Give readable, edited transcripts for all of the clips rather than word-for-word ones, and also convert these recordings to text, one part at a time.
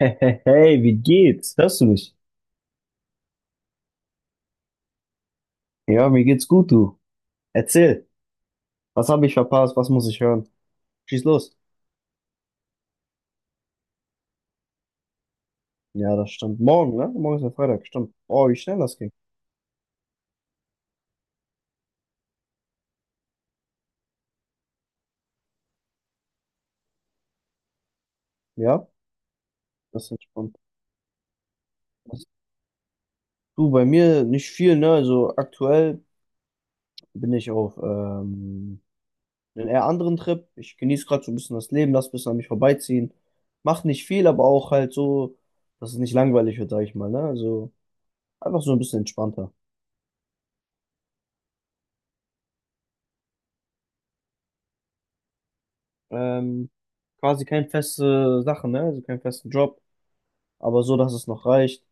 Hey, hey, hey, wie geht's? Hörst du mich? Ja, mir geht's gut, du. Erzähl. Was habe ich verpasst? Was muss ich hören? Schieß los. Ja, das stimmt. Morgen, ne? Morgen ist ja Freitag, stimmt. Oh, wie schnell das ging. Ja, das ist entspannt. Du, bei mir nicht viel, ne? Also aktuell bin ich auf einem eher anderen Trip. Ich genieße gerade so ein bisschen das Leben, lass ein bisschen an mich vorbeiziehen. Macht nicht viel, aber auch halt so, dass es nicht langweilig wird, sag ich mal, ne? Also einfach so ein bisschen entspannter. Ähm, quasi keine feste Sache, ne? Also keinen festen Job, aber so, dass es noch reicht.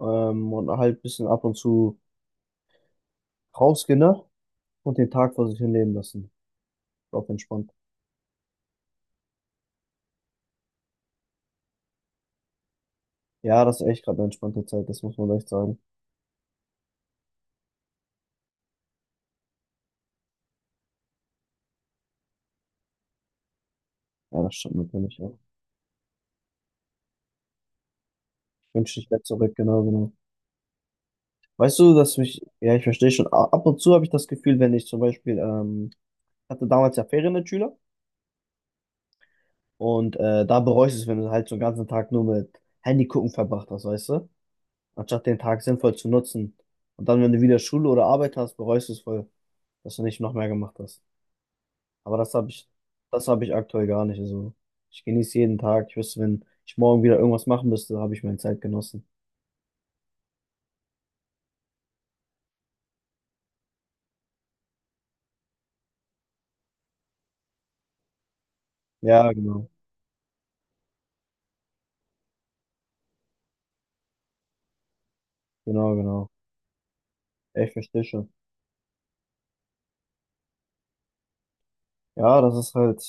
Und halt ein bisschen ab und zu rausgehen, ne? Und den Tag vor sich hinleben lassen. Auf entspannt. Ja, das ist echt gerade eine entspannte Zeit, das muss man echt sagen. Ja, das stimmt natürlich, ja. Ich wünsche dich wäre zurück, genau, genau. Weißt du, dass mich, ja, ich verstehe schon, ab und zu habe ich das Gefühl, wenn ich zum Beispiel, hatte damals ja Ferien als Schüler und da bereust du es, wenn du halt so einen ganzen Tag nur mit Handy gucken verbracht hast, weißt du? Anstatt den Tag sinnvoll zu nutzen. Und dann, wenn du wieder Schule oder Arbeit hast, bereust du es voll, dass du nicht noch mehr gemacht hast. Aber das habe ich aktuell gar nicht. Also ich genieße jeden Tag. Ich wüsste, wenn ich morgen wieder irgendwas machen müsste, habe ich meine Zeit genossen. Ja, genau. Genau, genau. Ja, ich verstehe schon. Ja, das ist halt,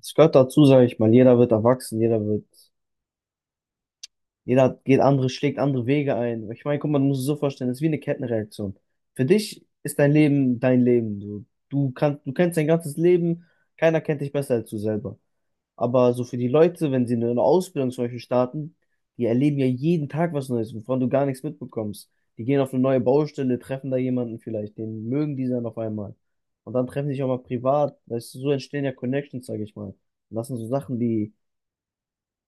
es gehört dazu, sage ich mal. Jeder wird erwachsen, jeder wird Jeder geht andere, schlägt andere Wege ein. Ich meine, guck mal, du musst es so vorstellen, es ist wie eine Kettenreaktion. Für dich ist dein Leben dein Leben. Du kennst dein ganzes Leben, keiner kennt dich besser als du selber. Aber so für die Leute, wenn sie eine Ausbildung zum Beispiel starten, die erleben ja jeden Tag was Neues, wovon du gar nichts mitbekommst. Die gehen auf eine neue Baustelle, treffen da jemanden vielleicht, den mögen die dann auf einmal. Und dann treffen sie sich auch mal privat. Weißt du, so entstehen ja Connections, sage ich mal. Und das sind so Sachen,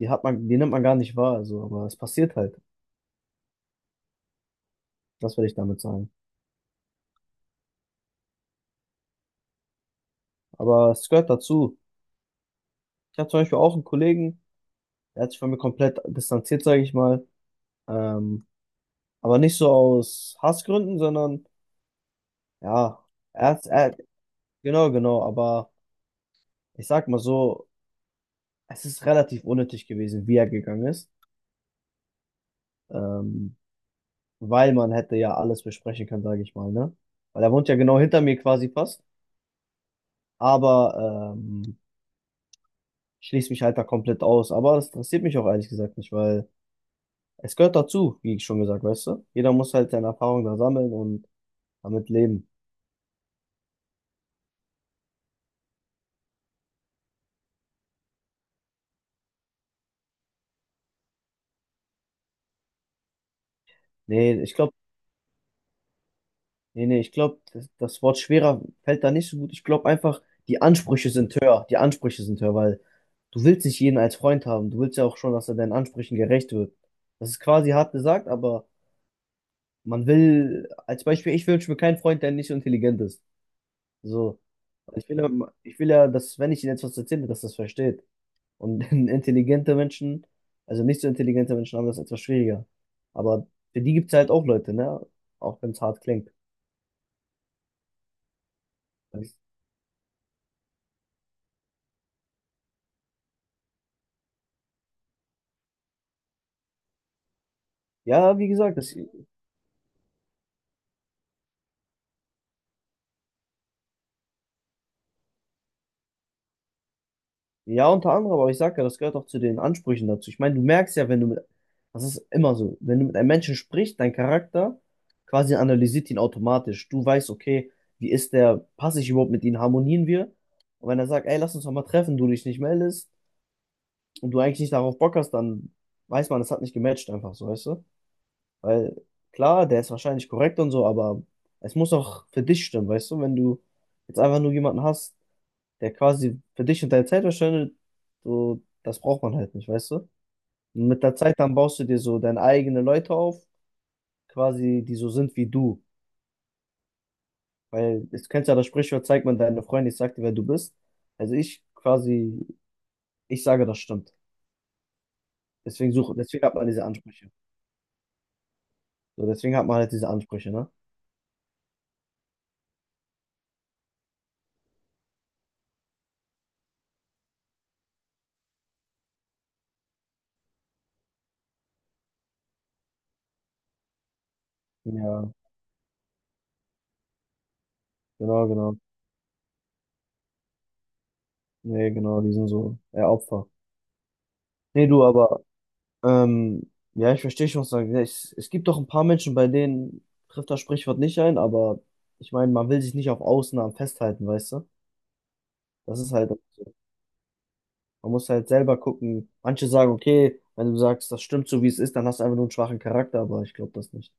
die hat man, die nimmt man gar nicht wahr, so, aber es passiert halt. Das würde ich damit sagen. Aber es gehört dazu. Ich habe zum Beispiel auch einen Kollegen, der hat sich von mir komplett distanziert, sage ich mal. Ähm, aber nicht so aus Hassgründen, sondern ja, er hat, er, genau, genau. Aber ich sag mal so, es ist relativ unnötig gewesen, wie er gegangen ist. Ähm, Weil man hätte ja alles besprechen können, sage ich mal, ne? Weil er wohnt ja genau hinter mir quasi fast. Aber schließt mich halt da komplett aus. Aber das interessiert mich auch ehrlich gesagt nicht, weil es gehört dazu, wie ich schon gesagt, weißt du? Jeder muss halt seine Erfahrungen da sammeln und damit leben. Nee, ich glaube, ich glaube, das Wort schwerer fällt da nicht so gut. Ich glaube einfach, die Ansprüche sind höher. Die Ansprüche sind höher, weil du willst nicht jeden als Freund haben. Du willst ja auch schon, dass er deinen Ansprüchen gerecht wird. Das ist quasi hart gesagt, aber man will, als Beispiel, ich wünsche mir keinen Freund, der nicht so intelligent ist. So. Ich will, ich will ja, dass, wenn ich ihm etwas erzähle, dass er das versteht. Und intelligente Menschen, also nicht so intelligente Menschen haben das etwas schwieriger. Aber für die gibt es halt auch Leute, ne? Auch wenn es hart klingt. Das- ja, wie gesagt, das, ja, unter anderem, aber ich sag ja, das gehört auch zu den Ansprüchen dazu. Ich meine, du merkst ja, wenn du mit, das ist immer so, wenn du mit einem Menschen sprichst, dein Charakter quasi analysiert ihn automatisch. Du weißt, okay, wie ist der, passe ich überhaupt mit ihm, harmonieren wir? Und wenn er sagt, ey, lass uns doch mal treffen, du dich nicht meldest und du eigentlich nicht darauf Bock hast, dann weiß man, es hat nicht gematcht einfach so, weißt du? Weil klar, der ist wahrscheinlich korrekt und so, aber es muss auch für dich stimmen, weißt du? Wenn du jetzt einfach nur jemanden hast, der quasi für dich und deine Zeit verschwendet, so, das braucht man halt nicht, weißt du? Und mit der Zeit dann baust du dir so deine eigenen Leute auf, quasi, die so sind wie du. Weil, jetzt kennst du ja das Sprichwort, zeigt man deine Freunde, ich sag dir, wer du bist. Also ich quasi, ich sage, das stimmt. Deswegen hat man diese Ansprüche. So, deswegen hat man halt diese Ansprüche, ne? Ja, genau, genau. Nee, genau, die sind so eher Opfer. Nee, du, aber ja, ich verstehe schon, was du sagst. Ja, es gibt doch ein paar Menschen, bei denen trifft das Sprichwort nicht ein, aber ich meine, man will sich nicht auf Ausnahmen festhalten, weißt du? Das ist halt so. Man muss halt selber gucken. Manche sagen, okay, wenn du sagst, das stimmt so, wie es ist, dann hast du einfach nur einen schwachen Charakter, aber ich glaube das nicht.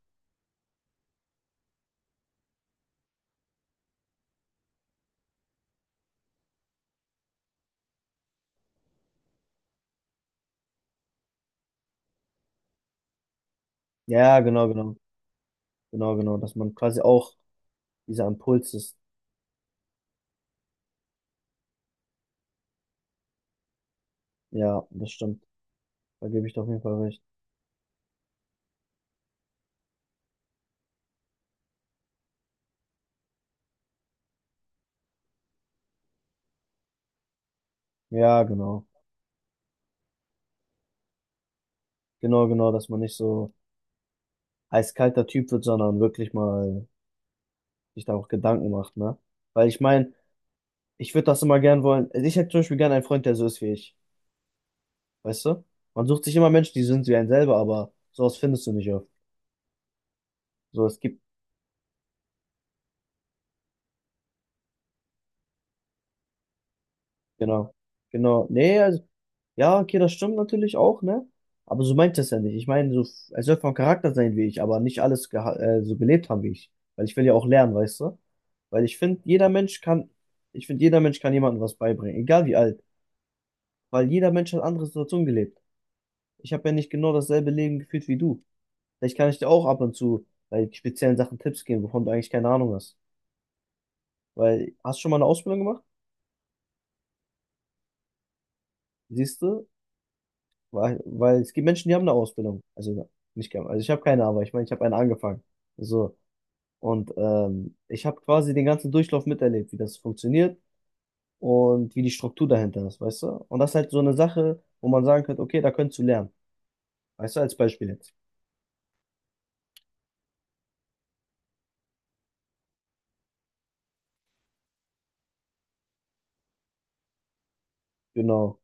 Ja, genau, genau. Genau, genau. Dass man quasi auch dieser Impuls ist. Ja, das stimmt. Da gebe ich dir auf jeden Fall recht. Ja, genau. Genau, genau, dass man nicht so eiskalter Typ wird, sondern wirklich mal sich da auch Gedanken macht, ne? Weil ich meine, ich würde das immer gern wollen. Also ich hätte zum Beispiel gern einen Freund, der so ist wie ich. Weißt du? Man sucht sich immer Menschen, die sind wie einen selber, aber sowas findest du nicht oft. So, es gibt, genau. Genau. Nee, also, ja, okay, das stimmt natürlich auch, ne? Aber so meint es ja nicht. Ich meine, so, er soll vom Charakter sein wie ich, aber nicht alles so gelebt haben wie ich. Weil ich will ja auch lernen, weißt du? Weil ich finde, jeder Mensch kann jemandem was beibringen, egal wie alt. Weil jeder Mensch hat andere Situationen gelebt. Ich habe ja nicht genau dasselbe Leben geführt wie du. Vielleicht kann ich dir auch ab und zu bei speziellen Sachen Tipps geben, wovon du eigentlich keine Ahnung hast. Weil, hast du schon mal eine Ausbildung gemacht? Siehst du? Weil es gibt Menschen, die haben eine Ausbildung. Also nicht, gar- also ich habe keine, aber ich meine, ich habe eine angefangen. So. Und ich habe quasi den ganzen Durchlauf miterlebt, wie das funktioniert und wie die Struktur dahinter ist, weißt du? Und das ist halt so eine Sache, wo man sagen könnte, okay, da könntest du lernen. Weißt du, als Beispiel jetzt. Genau.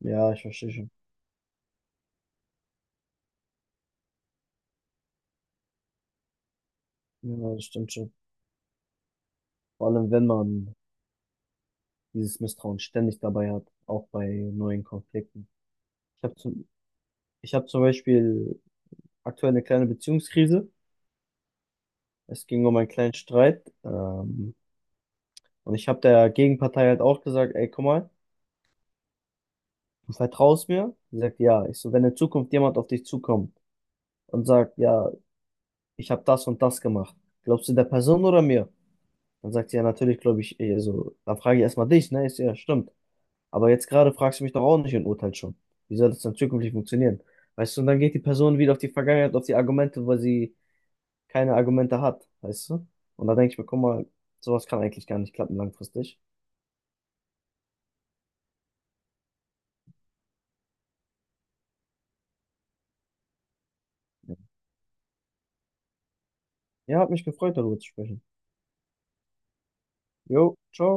Ja, ich verstehe schon. Ja, das stimmt schon. Vor allem, wenn man dieses Misstrauen ständig dabei hat, auch bei neuen Konflikten. Ich habe zum, ich hab zum Beispiel aktuell eine kleine Beziehungskrise. Es ging um einen kleinen Streit. Und ich habe der Gegenpartei halt auch gesagt, ey, guck mal, du vertraust mir? Sie sagt, ja. Ich so, wenn in Zukunft jemand auf dich zukommt und sagt, ja, ich habe das und das gemacht, glaubst du der Person oder mir? Dann sagt sie, ja, natürlich glaube ich, eh, so, dann frage ich erstmal dich, ne? Ich so, ja, stimmt. Aber jetzt gerade fragst du mich doch auch nicht und urteilst schon. Wie soll das dann zukünftig funktionieren? Weißt du, und dann geht die Person wieder auf die Vergangenheit, auf die Argumente, weil sie keine Argumente hat, weißt du? Und da denke ich mir, guck mal, sowas kann eigentlich gar nicht klappen langfristig. Ja, hat mich gefreut, darüber zu sprechen. Jo, ciao.